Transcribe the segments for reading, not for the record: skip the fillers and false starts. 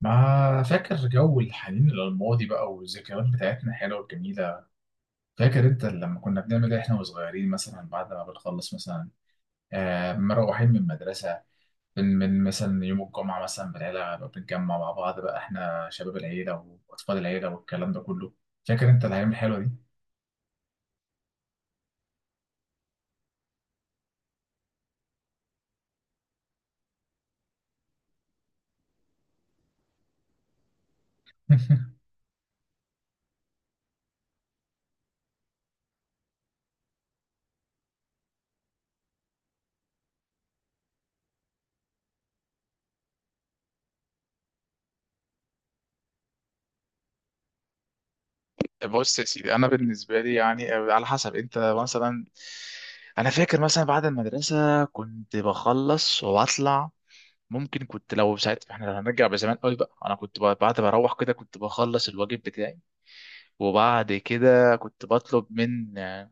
ما فاكر جو الحنين للماضي بقى والذكريات بتاعتنا الحلوة الجميلة. فاكر انت لما كنا بنعمل ايه احنا وصغيرين مثلا بعد ما بنخلص مثلا آه مروحين من المدرسة؟ من مثلا يوم الجمعة مثلا بالعيلة بقى بنتجمع مع بعض بقى احنا شباب العيلة وأطفال العيلة والكلام ده كله. فاكر انت الأيام الحلوة دي؟ بص يا سيدي، انا بالنسبه لي يعني على حسب انت مثلا. انا فاكر مثلا بعد المدرسه كنت بخلص واطلع. ممكن كنت لو ساعتها احنا لو هنرجع بزمان قوي بقى انا بعد ما اروح كده كنت بخلص الواجب بتاعي. وبعد كده كنت بطلب من آه،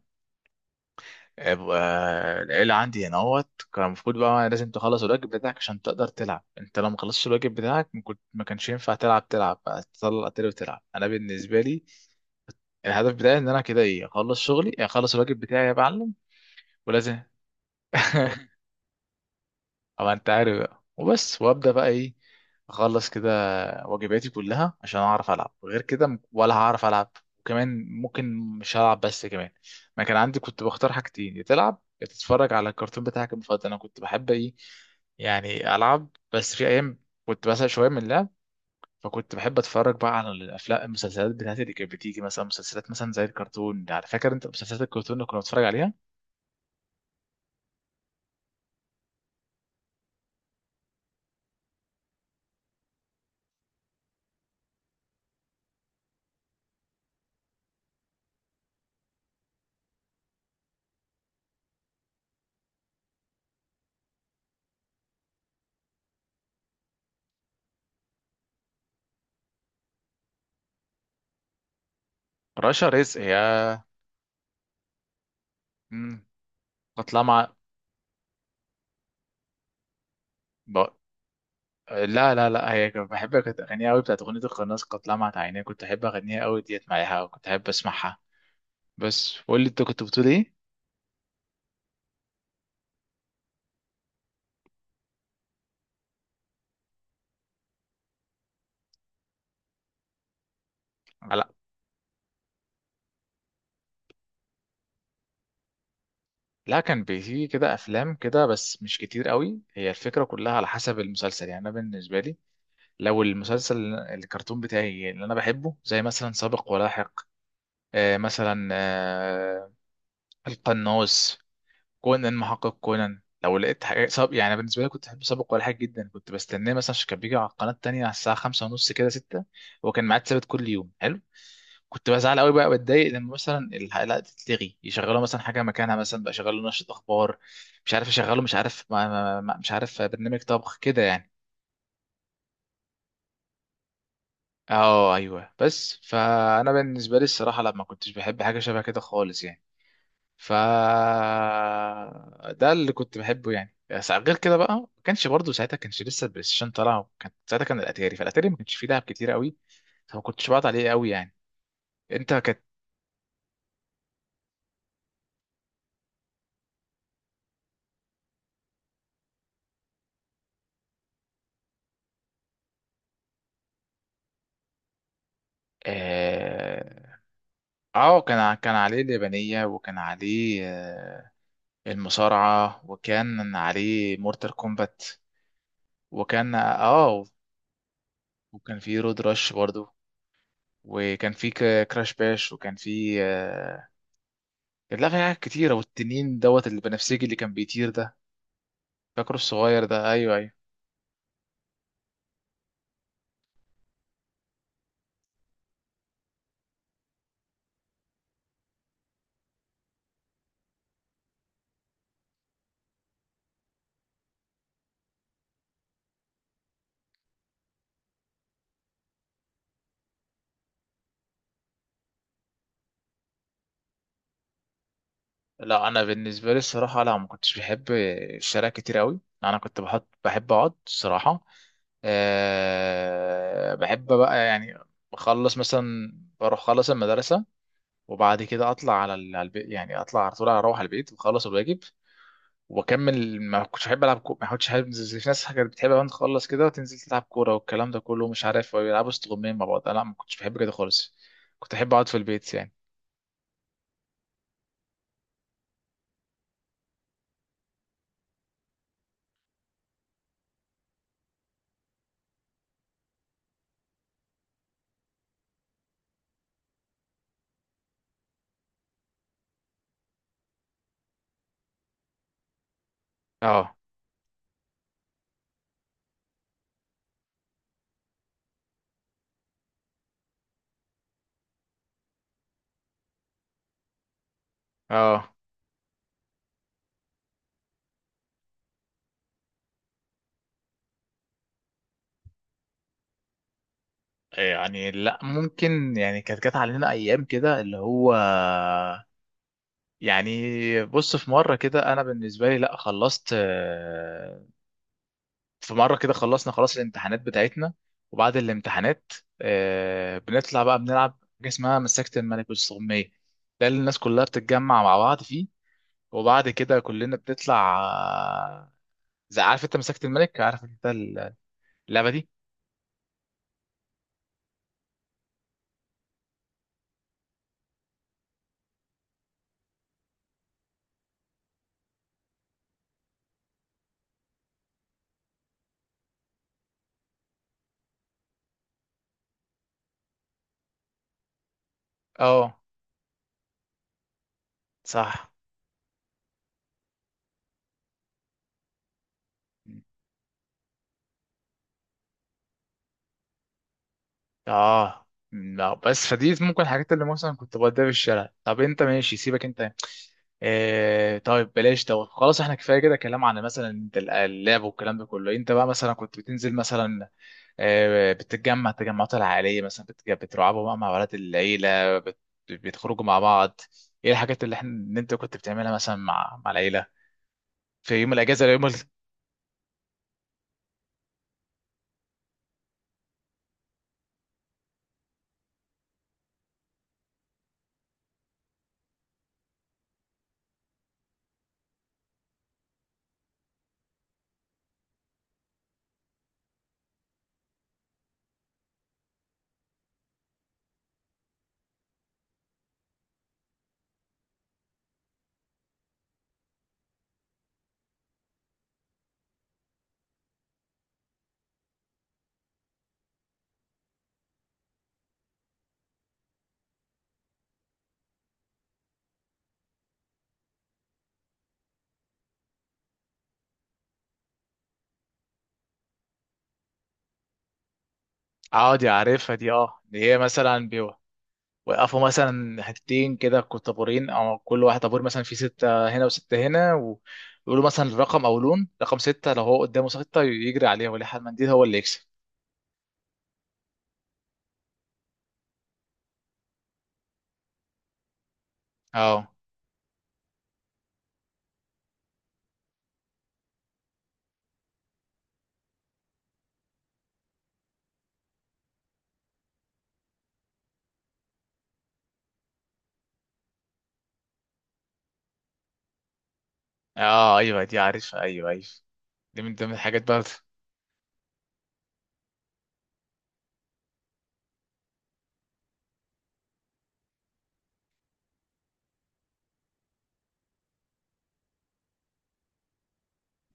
العيلة عندي هنا اهوت، كان المفروض بقى لازم تخلص الواجب بتاعك عشان تقدر تلعب. انت لو ما خلصتش الواجب بتاعك ما كانش ينفع تلعب، تلعب بقى تطلع تلعب تلعب. انا بالنسبة لي الهدف بتاعي ان انا كده ايه، اخلص شغلي، اخلص الواجب بتاعي يا معلم. ولازم أبقى أنت عارف بقى وبس، وأبدأ بقى إيه، أخلص كده واجباتي كلها عشان أعرف ألعب. غير كده ولا هعرف ألعب. وكمان ممكن مش هلعب بس. كمان ما كان عندي، كنت بختار حاجتين: يا تلعب يا تتفرج على الكرتون بتاعك المفضل. أنا كنت بحب إيه يعني، ألعب بس في أيام كنت بسأل شوية من اللعب. فكنت بحب اتفرج بقى على الافلام، المسلسلات بتاعتي اللي كانت بتيجي مثلا، مسلسلات مثلا زي الكرتون يعني. فاكر انت مسلسلات الكرتون اللي كنا بنتفرج عليها؟ رشا رزق يا. امم كانت طالعه مع، لا، هي كنت بحب، كانت اغانيها قوي، بتاعت اغنيه القناص، قد لمعت عينيه، كنت احب اغنيها قوي ديت معاها، وكنت احب اسمعها. بس قول لي انت كنت بتقول ايه. لا، لا كان بيجي كده افلام كده بس مش كتير قوي. هي الفكره كلها على حسب المسلسل يعني. انا بالنسبه لي لو المسلسل الكرتون بتاعي اللي انا بحبه زي مثلا سابق ولاحق، آه مثلا، آه القناص، كونان، محقق كونان، لو لقيت حاجة يعني بالنسبة لي كنت بحب سابق ولا حاجة جدا، كنت بستناه مثلا عشان كان بيجي على القناة التانية على الساعة خمسة ونص كده، ستة. هو كان ميعاد ثابت كل يوم، حلو. كنت بزعل قوي بقى، بتضايق لما مثلا الحلقة تتلغي، يشغلوا مثلا حاجة مكانها، مثلا بقى شغلوا نشرة أخبار، مش عارف، يشغلوا مش عارف ما... ما... ما... مش عارف برنامج طبخ كده يعني. اه ايوه، بس فانا بالنسبه لي الصراحه لا ما كنتش بحب حاجه شبه كده خالص يعني. ف ده اللي كنت بحبه يعني. بس غير كده بقى ما كانش، برضه ساعتها كانش لسه البلاي ستيشن طالع، كان ساعتها كان الاتاري، فالاتاري ما كانش فيه لعب كتير قوي، فما كنتش بقعد عليه قوي يعني. انت كانت اه، كان عليه اليابانية، وكان عليه المصارعة، وكان عليه مورتال كومبات، وكان اه، وكان فيه رود رش برضه، وكان في كراش باش، وكان في آه، كان، لا، في حاجات كتيرة، والتنين دوت البنفسجي اللي كان بيطير ده، فاكره الصغير ده؟ ايوه ايوه. لا انا بالنسبه لي الصراحه، لا ما كنتش بحب الشارع كتير قوي. انا كنت بحب اقعد الصراحه. أه بحب بقى يعني، بخلص مثلا، بروح خلص المدرسه، وبعد كده اطلع على على البيت يعني، اطلع على طول اروح على البيت وخلص الواجب وبكمل. ما كنتش بحب العب ما كنتش بحب زي في ناس كانت بتحب أوي تخلص كده وتنزل تلعب كوره والكلام ده كله، مش عارف، ويلعبوا استغمام مع بعض. أنا لا، ما كنتش بحب كده خالص. كنت احب اقعد في البيت يعني. اه اه يعني، لا ممكن يعني كانت جت علينا ايام كده اللي هو يعني. بص، في مره كده انا بالنسبه لي، لا خلصت في مره كده خلصنا خلاص الامتحانات بتاعتنا. وبعد الامتحانات بنطلع بقى بنلعب حاجه اسمها مسكت الملك والسغميه. ده اللي الناس كلها بتتجمع مع بعض فيه. وبعد كده كلنا بنطلع زي، عارف انت مسكت الملك؟ عارف انت اللعبه دي؟ اه، صح. اه لا، بس فدي ممكن الحاجات اللي مثلا كنت بوديها في الشارع. طب انت ماشي، سيبك انت. اه طيب بلاش دوت، خلاص احنا كفايه كده كلام عن مثلا انت اللعب والكلام ده كله. انت بقى مثلا كنت بتنزل مثلا، اه بتتجمع التجمعات العائليه مثلا، بتلعبوا بقى مع ولاد العيله، بتخرجوا مع بعض. ايه الحاجات اللي انت كنت بتعملها مثلا مع العيله في يوم الاجازه ولا يوم ال...؟ اه دي عارفها دي، اه، اللي هي مثلا وقفوا مثلا حتتين كده، طابورين، او كل واحد طابور مثلا فيه ستة هنا وستة هنا، ويقولوا مثلا الرقم او لون. رقم ستة، لو هو قدامه ستة يجري عليها، ولا حد منديل هو اللي يكسب. اه اه ايوه، دي عارفها، ايوه ايوه، دي من ضمن الحاجات برضه.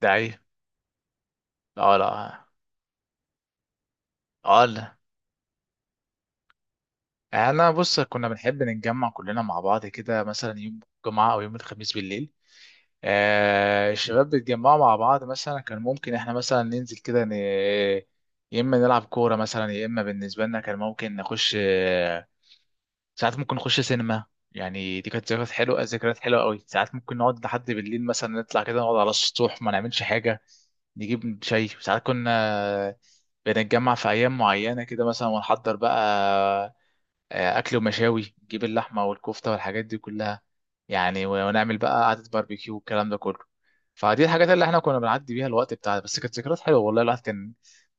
ده ايه؟ اه لا. اه لا، انا بص كنا بنحب نتجمع كلنا مع بعض كده مثلا يوم الجمعة او يوم الخميس بالليل. الشباب بيتجمعوا مع بعض، مثلا كان ممكن احنا مثلا ننزل كده ن...، يا اما نلعب كوره مثلا، يا اما بالنسبه لنا كان ممكن نخش ساعات ممكن نخش سينما يعني. دي كانت ذكريات حلوه، ذكريات حلوه قوي. ساعات ممكن نقعد لحد بالليل مثلا، نطلع كده نقعد على السطوح، ما نعملش حاجه، نجيب شاي. ساعات كنا بنتجمع في ايام معينه كده مثلا، ونحضر بقى اكل ومشاوي، نجيب اللحمه والكفته والحاجات دي كلها يعني، ونعمل بقى قعده باربيكيو والكلام ده كله. فدي الحاجات اللي احنا كنا بنعدي بيها الوقت بتاعنا. بس كانت ذكريات حلوه والله، الواحد كان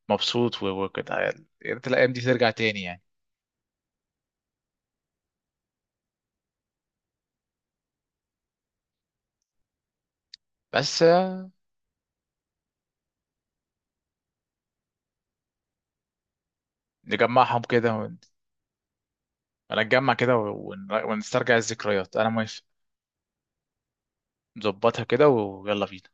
مبسوط وكده. يا ريت الايام دي ترجع تاني يعني. بس آه، نجمعهم كده ونتجمع كده ونسترجع الذكريات، انا موافق. نظبطها كده ويلا بينا.